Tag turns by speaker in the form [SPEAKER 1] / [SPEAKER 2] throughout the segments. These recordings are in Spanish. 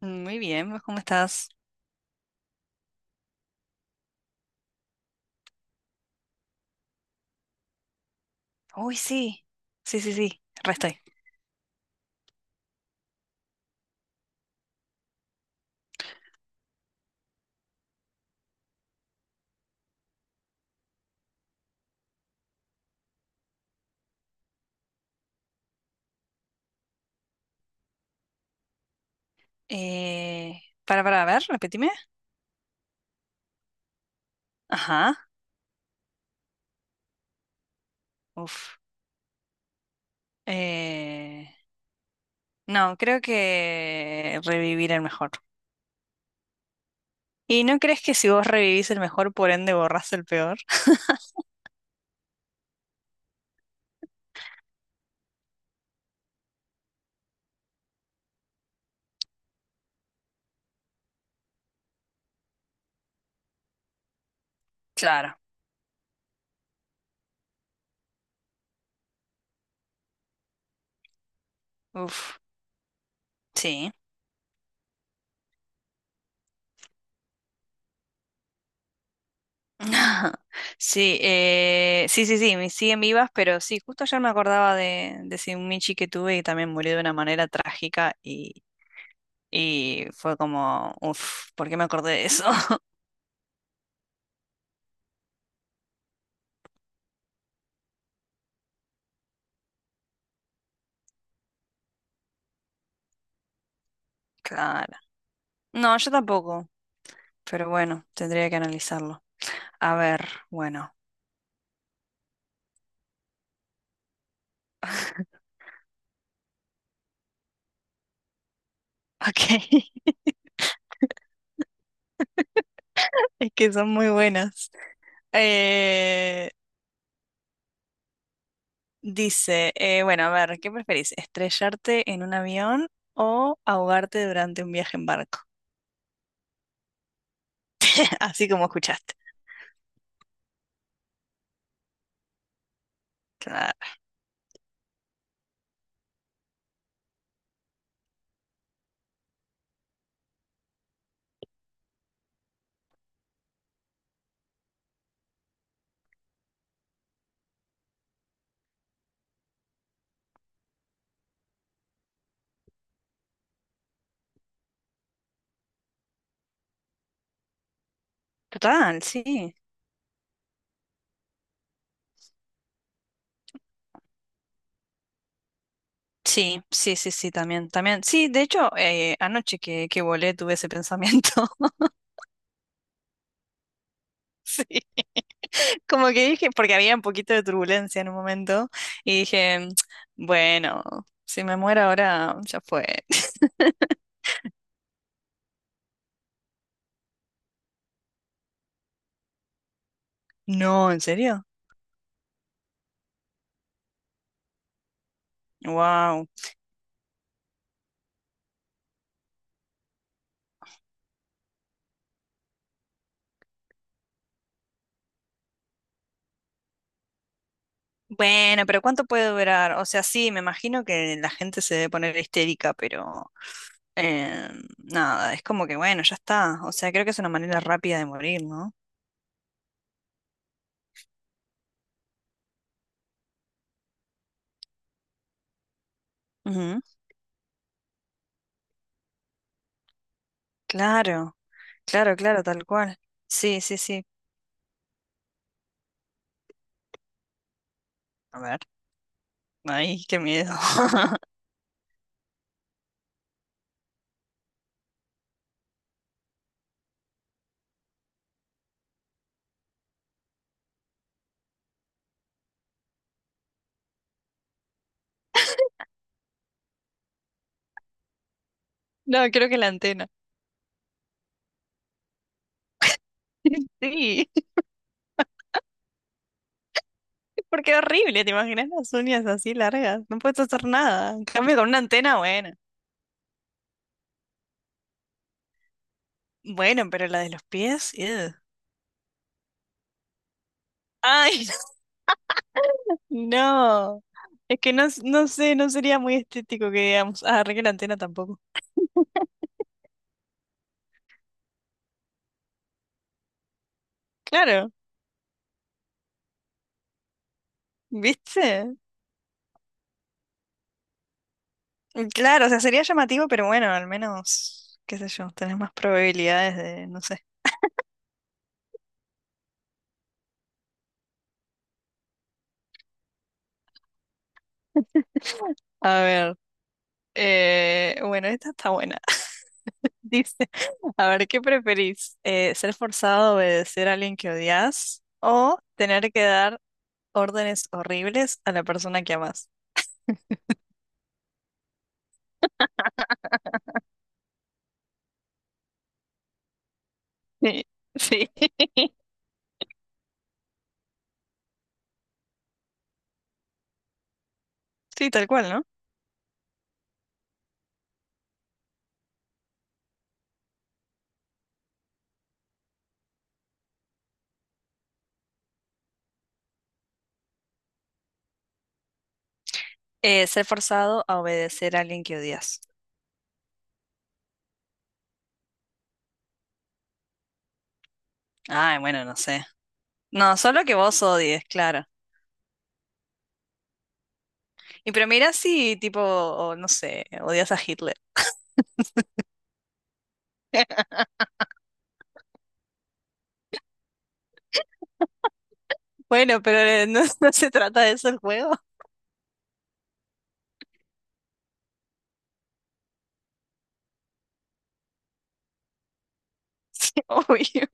[SPEAKER 1] Muy bien, pues, ¿cómo estás? Uy, sí, sí, sí, sí, resté. Para, a ver, repetime. Ajá, uf. Eh, no, creo que revivir el mejor. ¿Y no crees que si vos revivís el mejor, por ende borrás el peor? Claro, uf, sí. Sí, sí, sí, sí, me siguen vivas, pero sí, justo ayer me acordaba de ese Michi que tuve y también murió de una manera trágica. Y fue como, uff, ¿por qué me acordé de eso? Claro. No, yo tampoco, pero bueno, tendría que analizarlo. A ver, bueno. Ok, es que son muy buenas. Eh, dice, bueno, a ver, ¿qué preferís? ¿Estrellarte en un avión o ahogarte durante un viaje en barco? Así como escuchaste. Claro. Total, sí. Sí, sí, sí, sí, también, también. Sí, de hecho, anoche que volé tuve ese pensamiento. Sí. Como que dije, porque había un poquito de turbulencia en un momento, y dije, bueno, si me muero ahora, ya fue. No, ¿en serio? Wow. Bueno, pero ¿cuánto puede durar? O sea, sí, me imagino que la gente se debe poner histérica, pero eh, nada, es como que bueno, ya está. O sea, creo que es una manera rápida de morir, ¿no? Ujú. Claro, claro, claro, tal cual. Sí, sí, sí. A ver, ay, qué miedo. No, creo que la antena. Sí. Porque horrible, ¿te imaginas las uñas así largas? No puedes hacer nada. En cambio, con una antena, bueno. Bueno, pero la de los pies, ugh. Ay, no. Es que no, no sé, no sería muy estético que digamos, ah, arregle la antena tampoco. Claro, ¿viste? Claro, o sea, sería llamativo, pero bueno, al menos, qué sé yo, tenés más probabilidades de, no sé. A ver, bueno, esta está buena. Dice, a ver, ¿qué preferís? ¿Ser forzado a obedecer a alguien que odias o tener que dar órdenes horribles a la persona que amas? Sí, sí, sí, tal cual, ¿no? Ser forzado a obedecer a alguien que odias. Ay, bueno, no sé. No, solo que vos odies, claro. Y pero mira si, tipo, o no sé, odias a Hitler. Bueno, pero no, no se trata de eso el juego. Sí, obvio.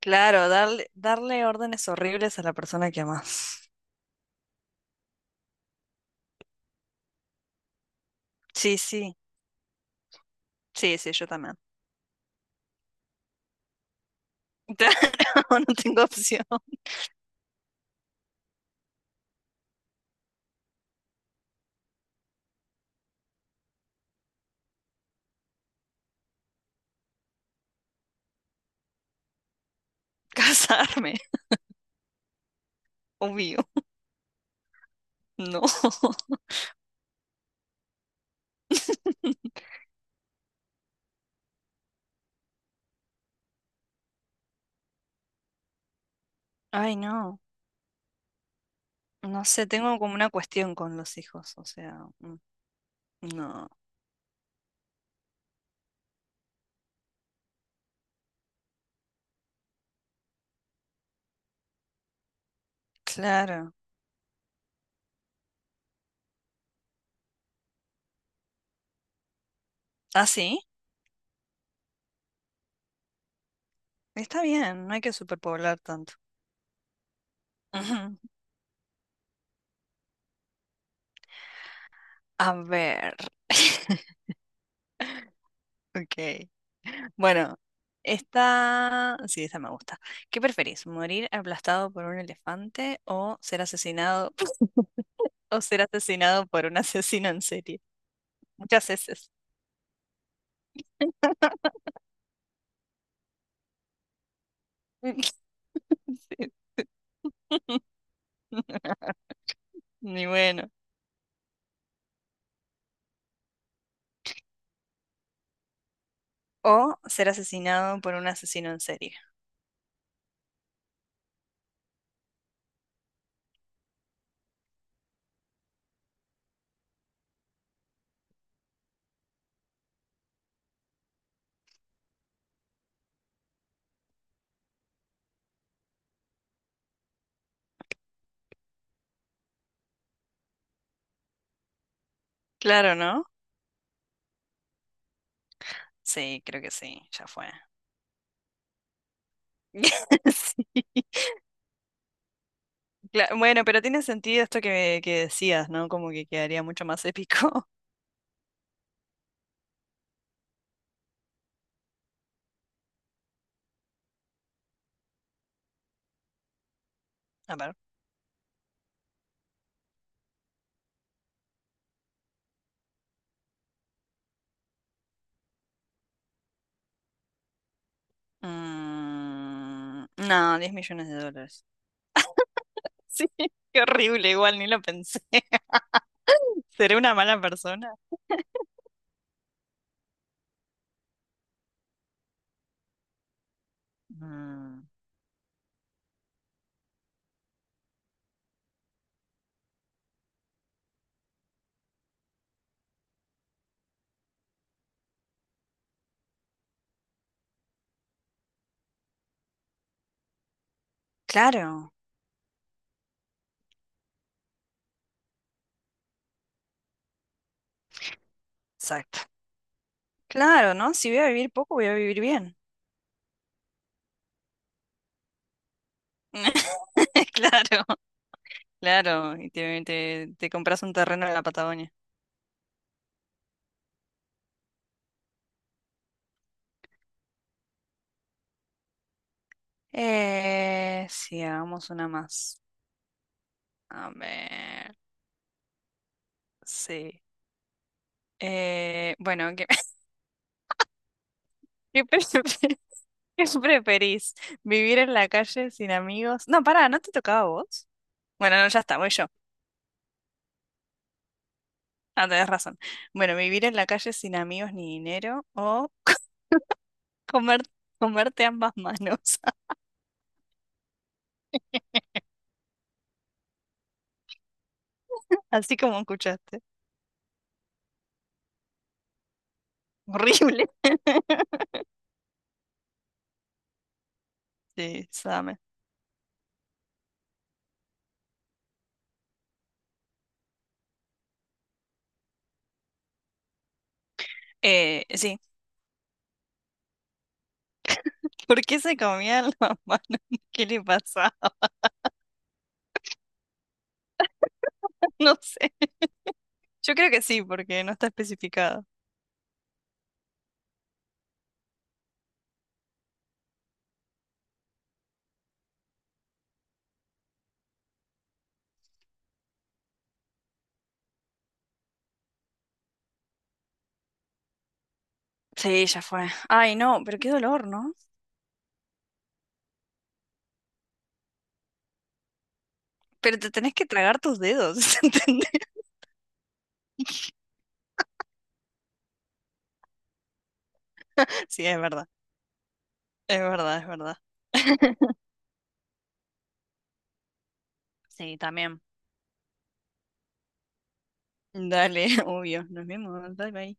[SPEAKER 1] Claro, darle, darle órdenes horribles a la persona que amas. Sí, sí, sí, sí, yo también. Claro, no tengo opción. Casarme, obvio. No. Ay, no. No sé, tengo como una cuestión con los hijos, o sea, no. Claro. Ah, sí, está bien, no hay que superpoblar tanto. Ujú. A ver. Ok. Bueno, esta, sí, esta me gusta. ¿Qué preferís? ¿Morir aplastado por un elefante o ser asesinado por un asesino en serie? Muchas veces. Sí. Ni bueno. O ser asesinado por un asesino en serie. Claro, ¿no? Sí, creo que sí, ya fue. Sí, bueno, pero tiene sentido esto que decías, ¿no? Como que quedaría mucho más épico. A ver. Mm, no, 10 millones de dólares. Sí, qué horrible, igual ni lo pensé. ¿Seré una mala persona? Mm. Claro, exacto. Claro, ¿no? Si voy a vivir poco, voy a vivir bien. Claro, claro. Y te compras un terreno en la Patagonia. Sí, hagamos una más. A ver, sí. Bueno, ¿qué, qué pre- qué preferís? ¿Vivir en la calle sin amigos? No, pará, ¿no te tocaba a vos? Bueno, no, ya está, voy yo. Ah, tenés razón. Bueno, vivir en la calle sin amigos ni dinero o comer, comerte ambas manos. Así como escuchaste. Horrible. Sí, sabe. Sí. ¿Por qué se comía la mano? ¿Qué le pasa? No sé. Yo creo que sí, porque no está especificado. Sí, ya fue. Ay, no, pero qué dolor, ¿no? Pero te tenés que tragar tus dedos, ¿entendés? Sí, es verdad. Es verdad, es verdad. Sí, también. Dale, obvio. Nos vemos. Bye bye.